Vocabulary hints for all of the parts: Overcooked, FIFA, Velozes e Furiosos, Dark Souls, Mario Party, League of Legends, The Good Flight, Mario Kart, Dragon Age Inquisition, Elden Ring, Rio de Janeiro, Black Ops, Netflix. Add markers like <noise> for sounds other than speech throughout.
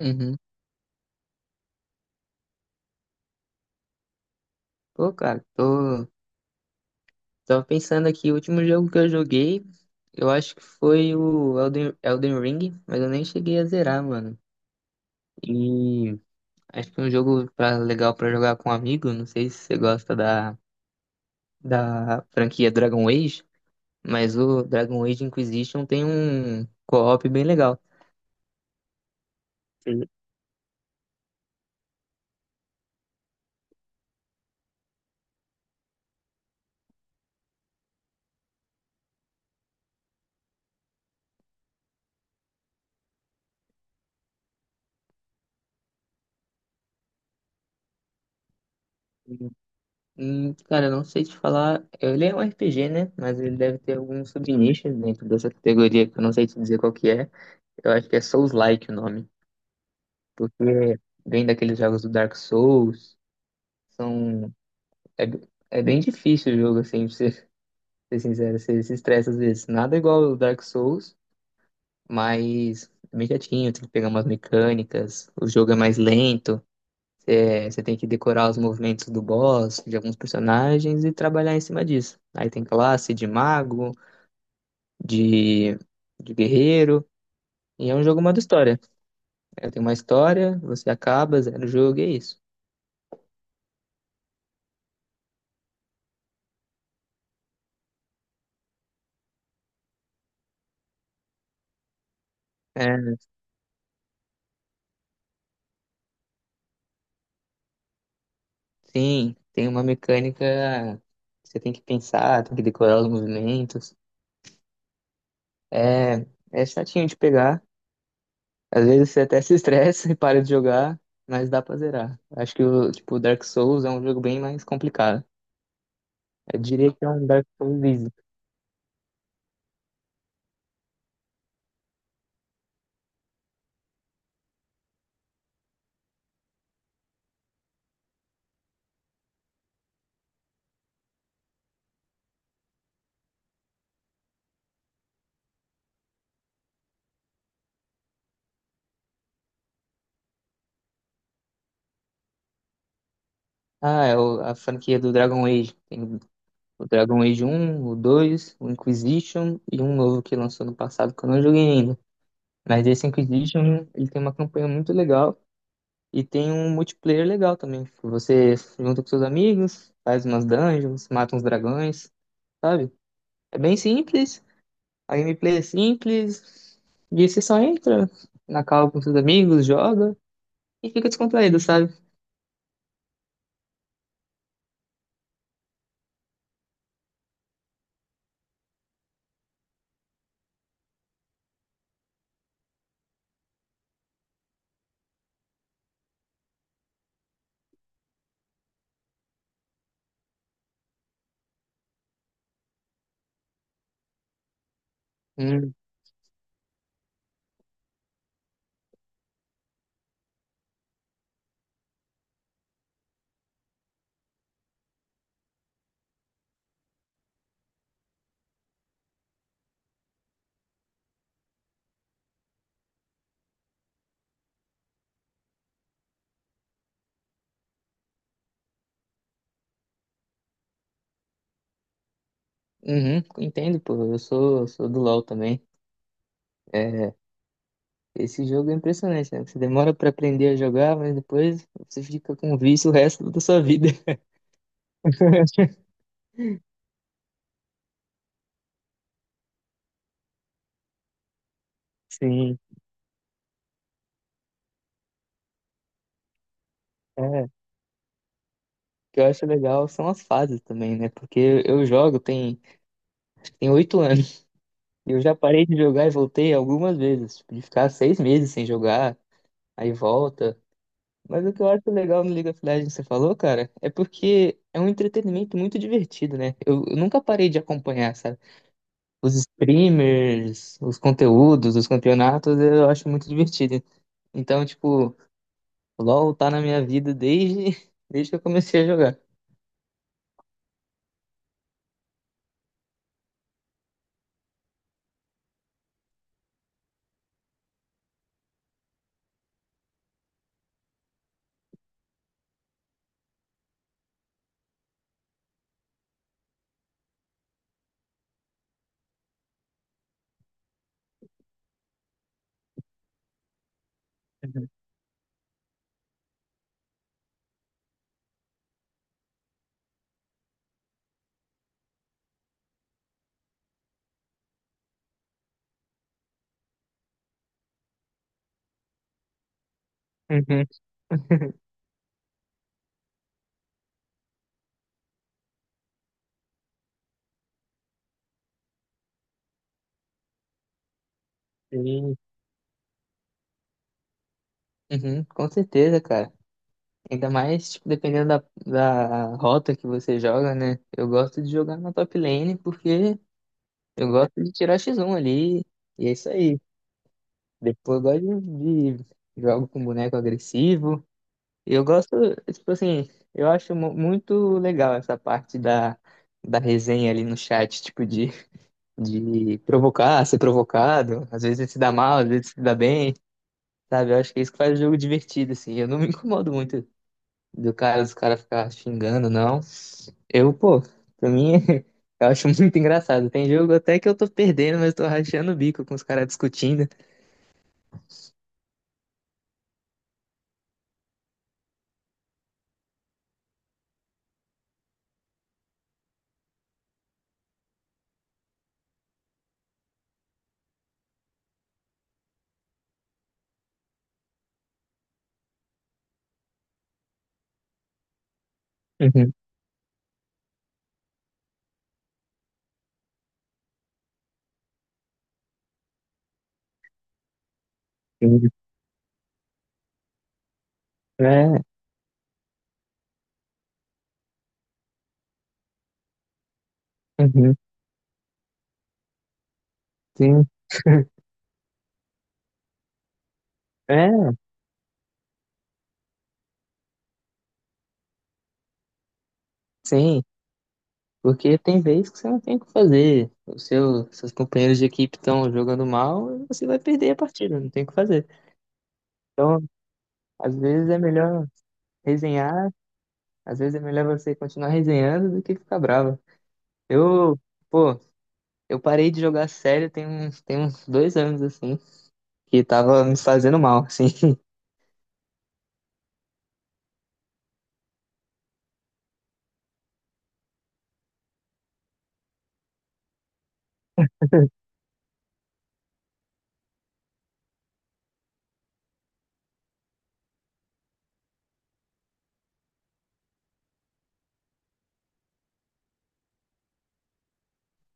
Uhum. Pô, cara, tô... Tava pensando aqui, o último jogo que eu joguei, eu acho que foi o Elden Ring, mas eu nem cheguei a zerar, mano. E acho que é um jogo pra, legal pra jogar com um amigo, não sei se você gosta da franquia Dragon Age, mas o Dragon Age Inquisition tem um co-op bem legal. Sim. Cara, eu não sei te falar. Ele é um RPG, né? Mas ele deve ter algum subnicho dentro dessa categoria que eu não sei te dizer qual que é. Eu acho que é Souls-like o nome, porque vem daqueles jogos do Dark Souls, são é, é bem difícil o jogo assim, pra ser, <laughs> ser sincero, você se estressa às vezes. Nada igual ao Dark Souls, mas é bem chatinho, tem que pegar umas mecânicas, o jogo é mais lento, você tem que decorar os movimentos do boss, de alguns personagens e trabalhar em cima disso. Aí tem classe de mago, de, de guerreiro, e é um jogo modo história. É, tem uma história, você acaba, zera o jogo e é isso. É, sim, tem uma mecânica que você tem que pensar, tem que decorar os movimentos. É, é chatinho de pegar. Às vezes você até se estressa <laughs> e para de jogar, mas dá pra zerar. Acho que o tipo Dark Souls é um jogo bem mais complicado. Eu diria que é um Dark Souls easy. Ah, é o- a franquia do Dragon Age. Tem o Dragon Age um, o dois, o Inquisition e um novo que lançou no passado que eu não joguei ainda. Mas esse Inquisition, ele tem uma campanha muito legal. E tem um multiplayer legal também. Que Você junta com seus amigos, faz umas dungeons, mata uns dragões, sabe? É bem simples, a gameplay é simples, e você só entra na call com seus amigos, joga e fica descontraído, sabe? Hum, uhum, entendo, pô. Eu sou do LoL também. É, esse jogo é impressionante, né? Você demora pra aprender a jogar, mas depois você fica com um vício o resto da sua vida. <laughs> Sim, é. O que eu acho legal são as fases também, né? Porque eu jogo tem tem 8 anos. E eu já parei de jogar e voltei algumas vezes. Tipo, de ficar 6 meses sem jogar, aí volta. Mas o que eu acho legal no League of Legends que você falou, cara, é porque é um entretenimento muito divertido, né? Eu nunca parei de acompanhar, sabe? Os streamers, os conteúdos, os campeonatos, eu acho muito divertido. Então, tipo, LoL tá na minha vida desde, <laughs> desde que eu comecei a jogar. Uhum. <laughs> Sim, uhum, com certeza, cara. Ainda mais, tipo, dependendo da rota que você joga, né? Eu gosto de jogar na top lane porque eu gosto de tirar X1 ali e é isso aí. Depois eu gosto de jogo com boneco agressivo. Eu gosto, tipo assim, eu acho muito legal essa parte da resenha ali no chat, tipo, de provocar, ser provocado. Às vezes se dá mal, às vezes se dá bem, sabe? Eu acho que é isso que faz o jogo divertido, assim. Eu não me incomodo muito do cara, dos caras ficar xingando, não. Eu, pô, pra mim, <laughs> eu acho muito engraçado. Tem jogo até que eu tô perdendo, mas tô rachando o bico com os caras discutindo. Uhum, <laughs> uhum. É, uhum, sim. <laughs> É, sim, porque tem vezes que você não tem o que fazer. Seus companheiros de equipe estão jogando mal, você vai perder a partida, não tem o que fazer. Então, às vezes é melhor resenhar, às vezes é melhor você continuar resenhando do que ficar bravo. Eu, pô, eu parei de jogar sério tem uns 2 anos, assim, que tava me fazendo mal, assim. <laughs>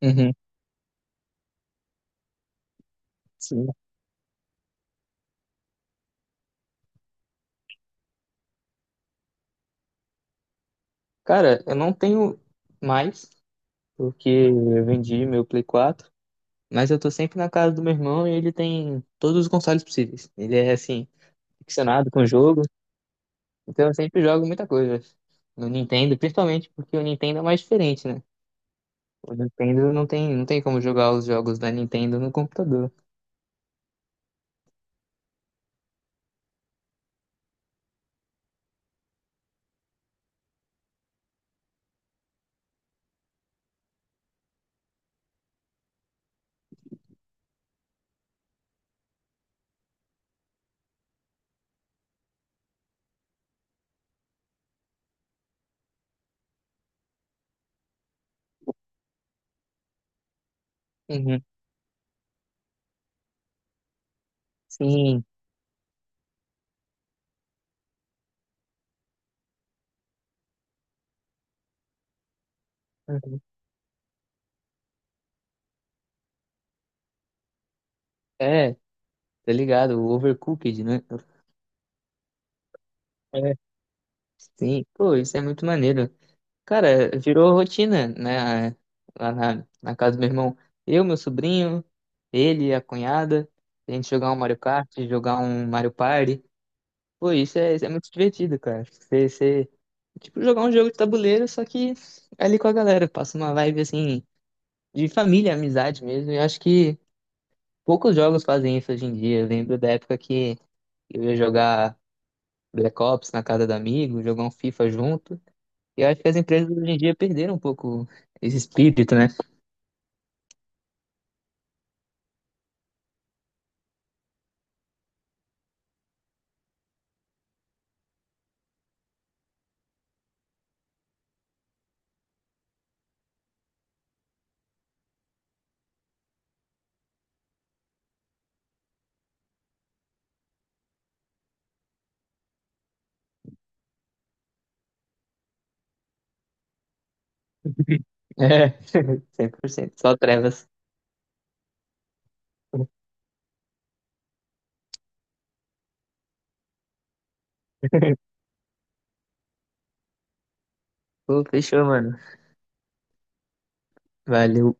Uhum, sim. Cara, eu não tenho mais, porque eu vendi meu Play 4, mas eu tô sempre na casa do meu irmão e ele tem todos os consoles possíveis. Ele é, assim, ficcionado com o jogo, então eu sempre jogo muita coisa no Nintendo, principalmente porque o Nintendo é mais diferente, né? O Nintendo não tem, não tem como jogar os jogos da Nintendo no computador. Uhum, sim. É, tá ligado? O Overcooked, né? É, sim, pô, isso é muito maneiro. Cara, virou rotina, né? Lá na, na casa do meu irmão. Eu, meu sobrinho, ele, a cunhada, a gente jogar um Mario Kart, jogar um Mario Party. Pô, isso é muito divertido, cara. Você, você- tipo, jogar um jogo de tabuleiro, só que ali com a galera. Passa uma vibe, assim, de família, amizade mesmo. E eu acho que poucos jogos fazem isso hoje em dia. Eu lembro da época que eu ia jogar Black Ops na casa do amigo, jogar um FIFA junto. E eu acho que as empresas hoje em dia perderam um pouco esse espírito, né? É, <laughs> 100%. Só trevas. Pô, fechou, mano. Valeu.